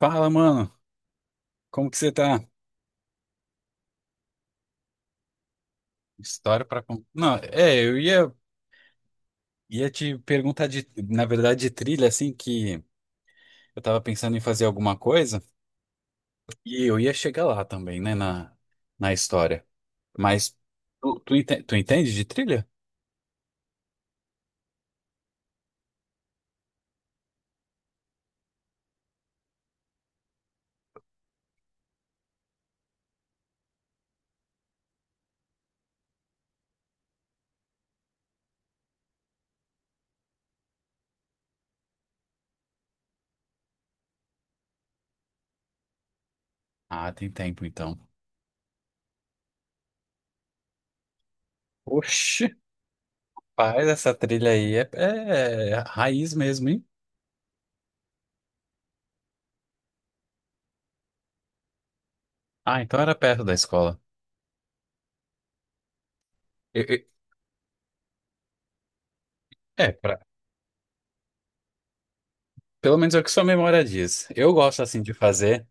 Fala, mano. Como que você tá? História pra contar. Não, é, eu ia te perguntar de, na verdade, de trilha, assim, que eu tava pensando em fazer alguma coisa e eu ia chegar lá também, né, na história. Mas tu entende de trilha? Ah, tem tempo então. Oxi, faz essa trilha aí. É raiz mesmo, hein? Ah, então era perto da escola. Eu- eu- É, pra, pelo menos é o que sua memória diz. Eu gosto assim de fazer.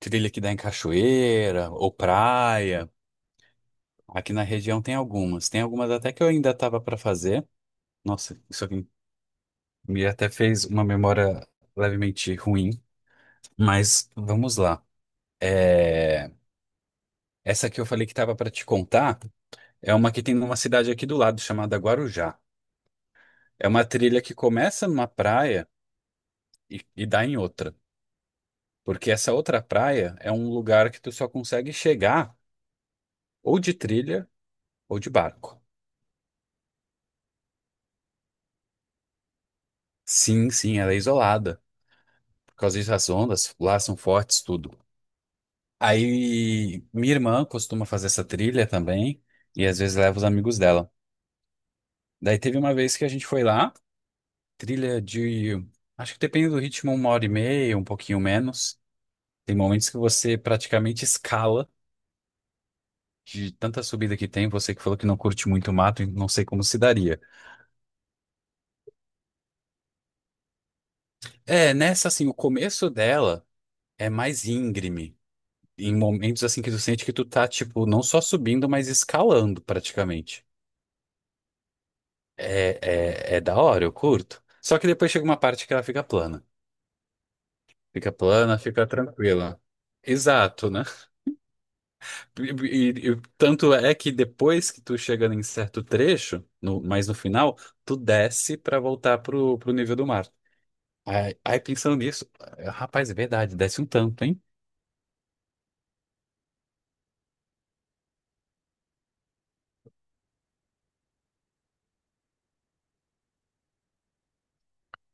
Trilha que dá em cachoeira ou praia. Aqui na região tem algumas. Tem algumas até que eu ainda estava para fazer. Nossa, isso aqui me até fez uma memória levemente ruim. Mas vamos lá. É, essa que eu falei que estava para te contar é uma que tem numa cidade aqui do lado chamada Guarujá. É uma trilha que começa numa praia e dá em outra. Porque essa outra praia é um lugar que tu só consegue chegar ou de trilha ou de barco. Sim, sim, ela é isolada. Por causa disso, as ondas lá são fortes, tudo. Aí minha irmã costuma fazer essa trilha também, e às vezes leva os amigos dela. Daí teve uma vez que a gente foi lá, trilha de, acho que depende do ritmo, uma hora e meia, um pouquinho menos. Tem momentos que você praticamente escala de tanta subida que tem. Você que falou que não curte muito mato, não sei como se daria. É, nessa assim, o começo dela é mais íngreme. Em momentos assim que tu sente que tu tá, tipo, não só subindo, mas escalando praticamente. É, é da hora, eu curto. Só que depois chega uma parte que ela fica plana. Fica plana, fica tranquila. Exato, né? E tanto é que depois que tu chega em certo trecho, mas no final, tu desce pra voltar pro nível do mar. Aí pensando nisso, é, rapaz, é verdade, desce um tanto, hein?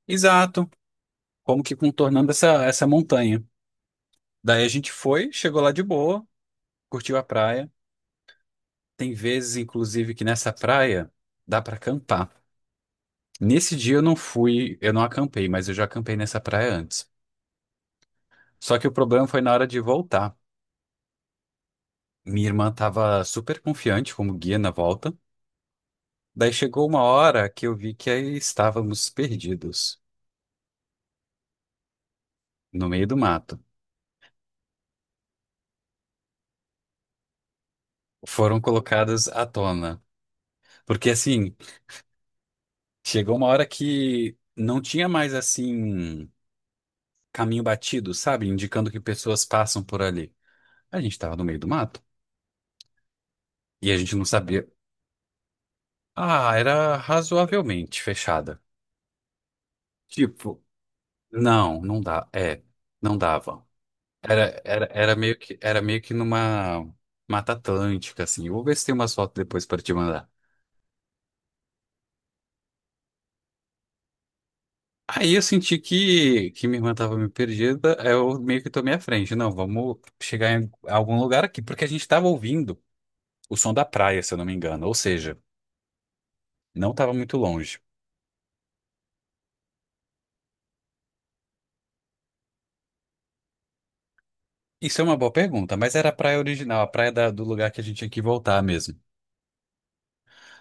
Exato. Como que contornando essa montanha. Daí a gente foi, chegou lá de boa, curtiu a praia. Tem vezes, inclusive, que nessa praia dá pra acampar. Nesse dia eu não fui, eu não acampei, mas eu já acampei nessa praia antes. Só que o problema foi na hora de voltar. Minha irmã estava super confiante como guia na volta. Daí chegou uma hora que eu vi que aí estávamos perdidos no meio do mato. Foram colocadas à tona. Porque assim, chegou uma hora que não tinha mais assim caminho batido, sabe? Indicando que pessoas passam por ali. A gente estava no meio do mato e a gente não sabia. Ah, era razoavelmente fechada. Tipo, não, não dá. É, não dava. Era meio que numa Mata Atlântica, assim. Eu vou ver se tem umas fotos depois para te mandar. Aí eu senti que minha irmã tava meio perdida, aí eu meio que tomei a frente. Não, vamos chegar em algum lugar aqui, porque a gente tava ouvindo o som da praia, se eu não me engano. Ou seja, não tava muito longe. Isso é uma boa pergunta, mas era a praia original, a praia do lugar que a gente tinha que voltar mesmo.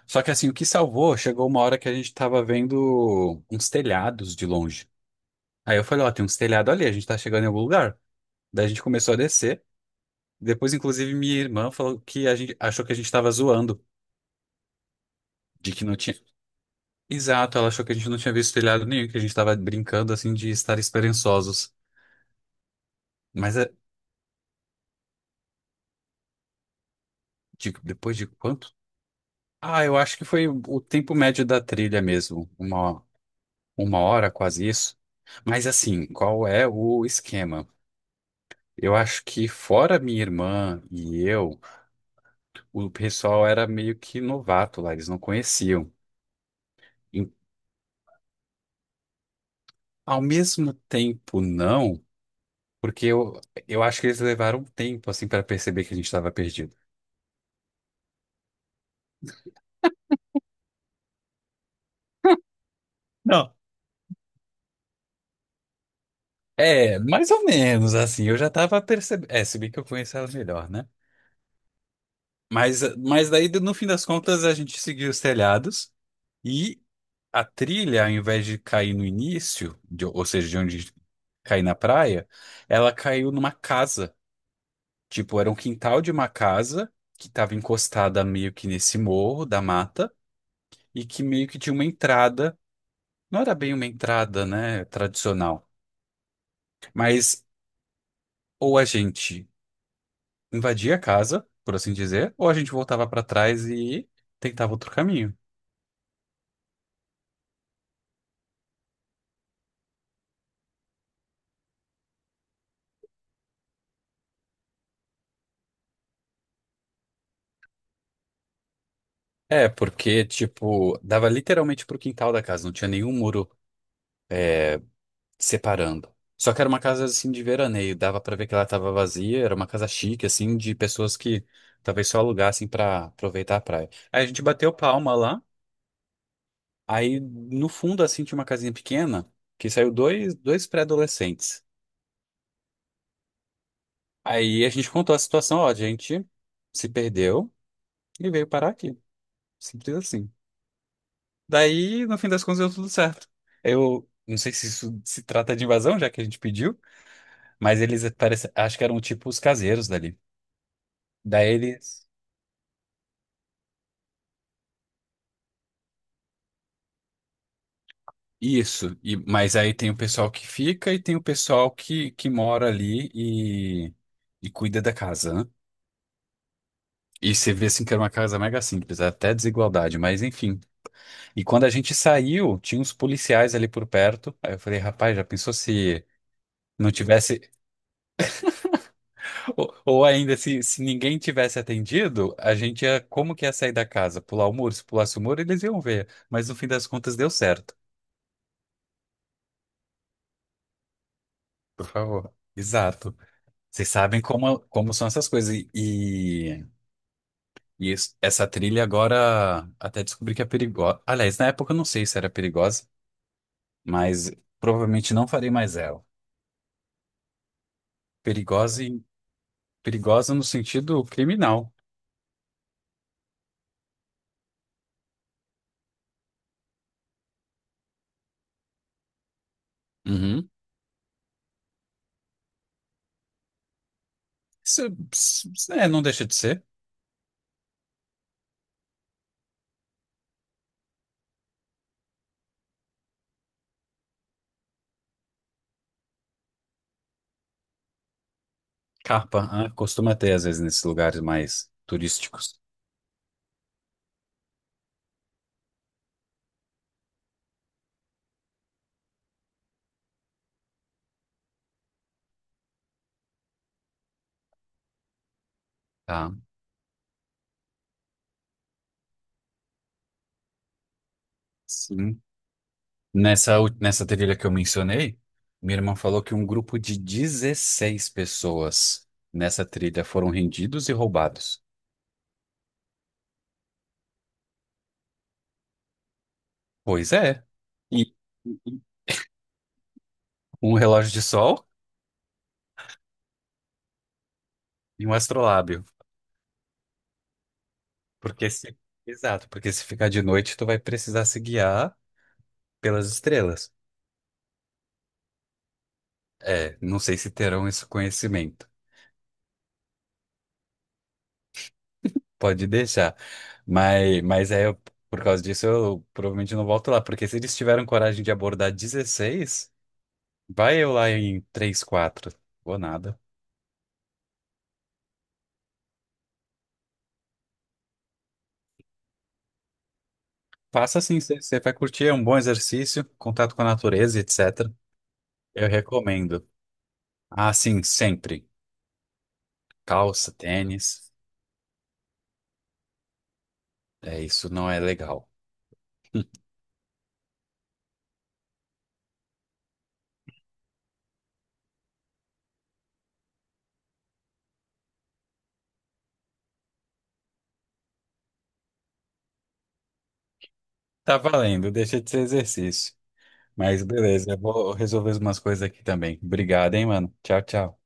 Só que assim, o que salvou, chegou uma hora que a gente tava vendo uns telhados de longe. Aí eu falei, ó, tem uns telhados ali, a gente tá chegando em algum lugar. Daí a gente começou a descer. Depois, inclusive, minha irmã falou que a gente achou que a gente tava zoando, de que não tinha. Exato, ela achou que a gente não tinha visto telhado nenhum, que a gente tava brincando assim de estar esperançosos. Mas é, depois de quanto? Ah, eu acho que foi o tempo médio da trilha mesmo, uma hora, quase isso. Mas assim, qual é o esquema? Eu acho que fora minha irmã e eu, o pessoal era meio que novato lá, eles não conheciam. Ao mesmo tempo, não, porque eu acho que eles levaram um tempo, assim, para perceber que a gente estava perdido. É, mais ou menos, assim, eu já tava percebendo. É, se bem que eu conheço ela melhor, né? Mas daí, no fim das contas, a gente seguiu os telhados e a trilha, ao invés de cair no início, ou seja, de onde cair na praia, ela caiu numa casa. Tipo, era um quintal de uma casa que estava encostada meio que nesse morro da mata e que meio que tinha uma entrada. Não era bem uma entrada, né, tradicional, mas ou a gente invadia a casa, por assim dizer, ou a gente voltava pra trás e tentava outro caminho. É, porque, tipo, dava literalmente pro quintal da casa, não tinha nenhum muro separando. Só que era uma casa, assim, de veraneio, dava pra ver que ela tava vazia, era uma casa chique, assim, de pessoas que talvez só alugassem pra aproveitar a praia. Aí a gente bateu palma lá, aí no fundo, assim, tinha uma casinha pequena, que saiu dois pré-adolescentes. Aí a gente contou a situação, ó, a gente se perdeu e veio parar aqui. Simples assim. Daí, no fim das contas, deu tudo certo. Eu não sei se isso se trata de invasão, já que a gente pediu, mas eles parece, acho que eram tipo os caseiros dali. Daí eles. Isso. E, mas aí tem o pessoal que fica e tem o pessoal que mora ali e cuida da casa, né? E você vê assim que era uma casa mega simples, até desigualdade, mas enfim. E quando a gente saiu, tinha uns policiais ali por perto. Aí eu falei, rapaz, já pensou se não tivesse. Ou ainda, se ninguém tivesse atendido, a gente ia. Como que ia sair da casa? Pular o muro? Se pulasse o muro, eles iam ver. Mas no fim das contas deu certo. Por favor. Exato. Vocês sabem como são essas coisas. Essa trilha agora até descobri que é perigosa. Aliás, na época eu não sei se era perigosa, mas provavelmente não farei mais ela. Perigosa, perigosa no sentido criminal. Uhum. Isso, é, não deixa de ser. Carpa, ah, costuma ter às vezes nesses lugares mais turísticos. Tá. Sim. Nessa trilha que eu mencionei, minha irmã falou que um grupo de 16 pessoas nessa trilha foram rendidos e roubados. Pois é. E um relógio de sol e um astrolábio. Porque se... Exato, porque se ficar de noite, tu vai precisar se guiar pelas estrelas. É, não sei se terão esse conhecimento. Pode deixar. Mas por causa disso, eu provavelmente não volto lá, porque se eles tiveram coragem de abordar 16, vai eu lá em 3 4 ou nada. Faça assim, você vai curtir, é um bom exercício, contato com a natureza, etc. Eu recomendo. Ah, sim, sempre. Calça, tênis. É, isso não é legal. Tá valendo, deixa de ser exercício. Mas beleza, eu vou resolver umas coisas aqui também. Obrigado, hein, mano. Tchau, tchau.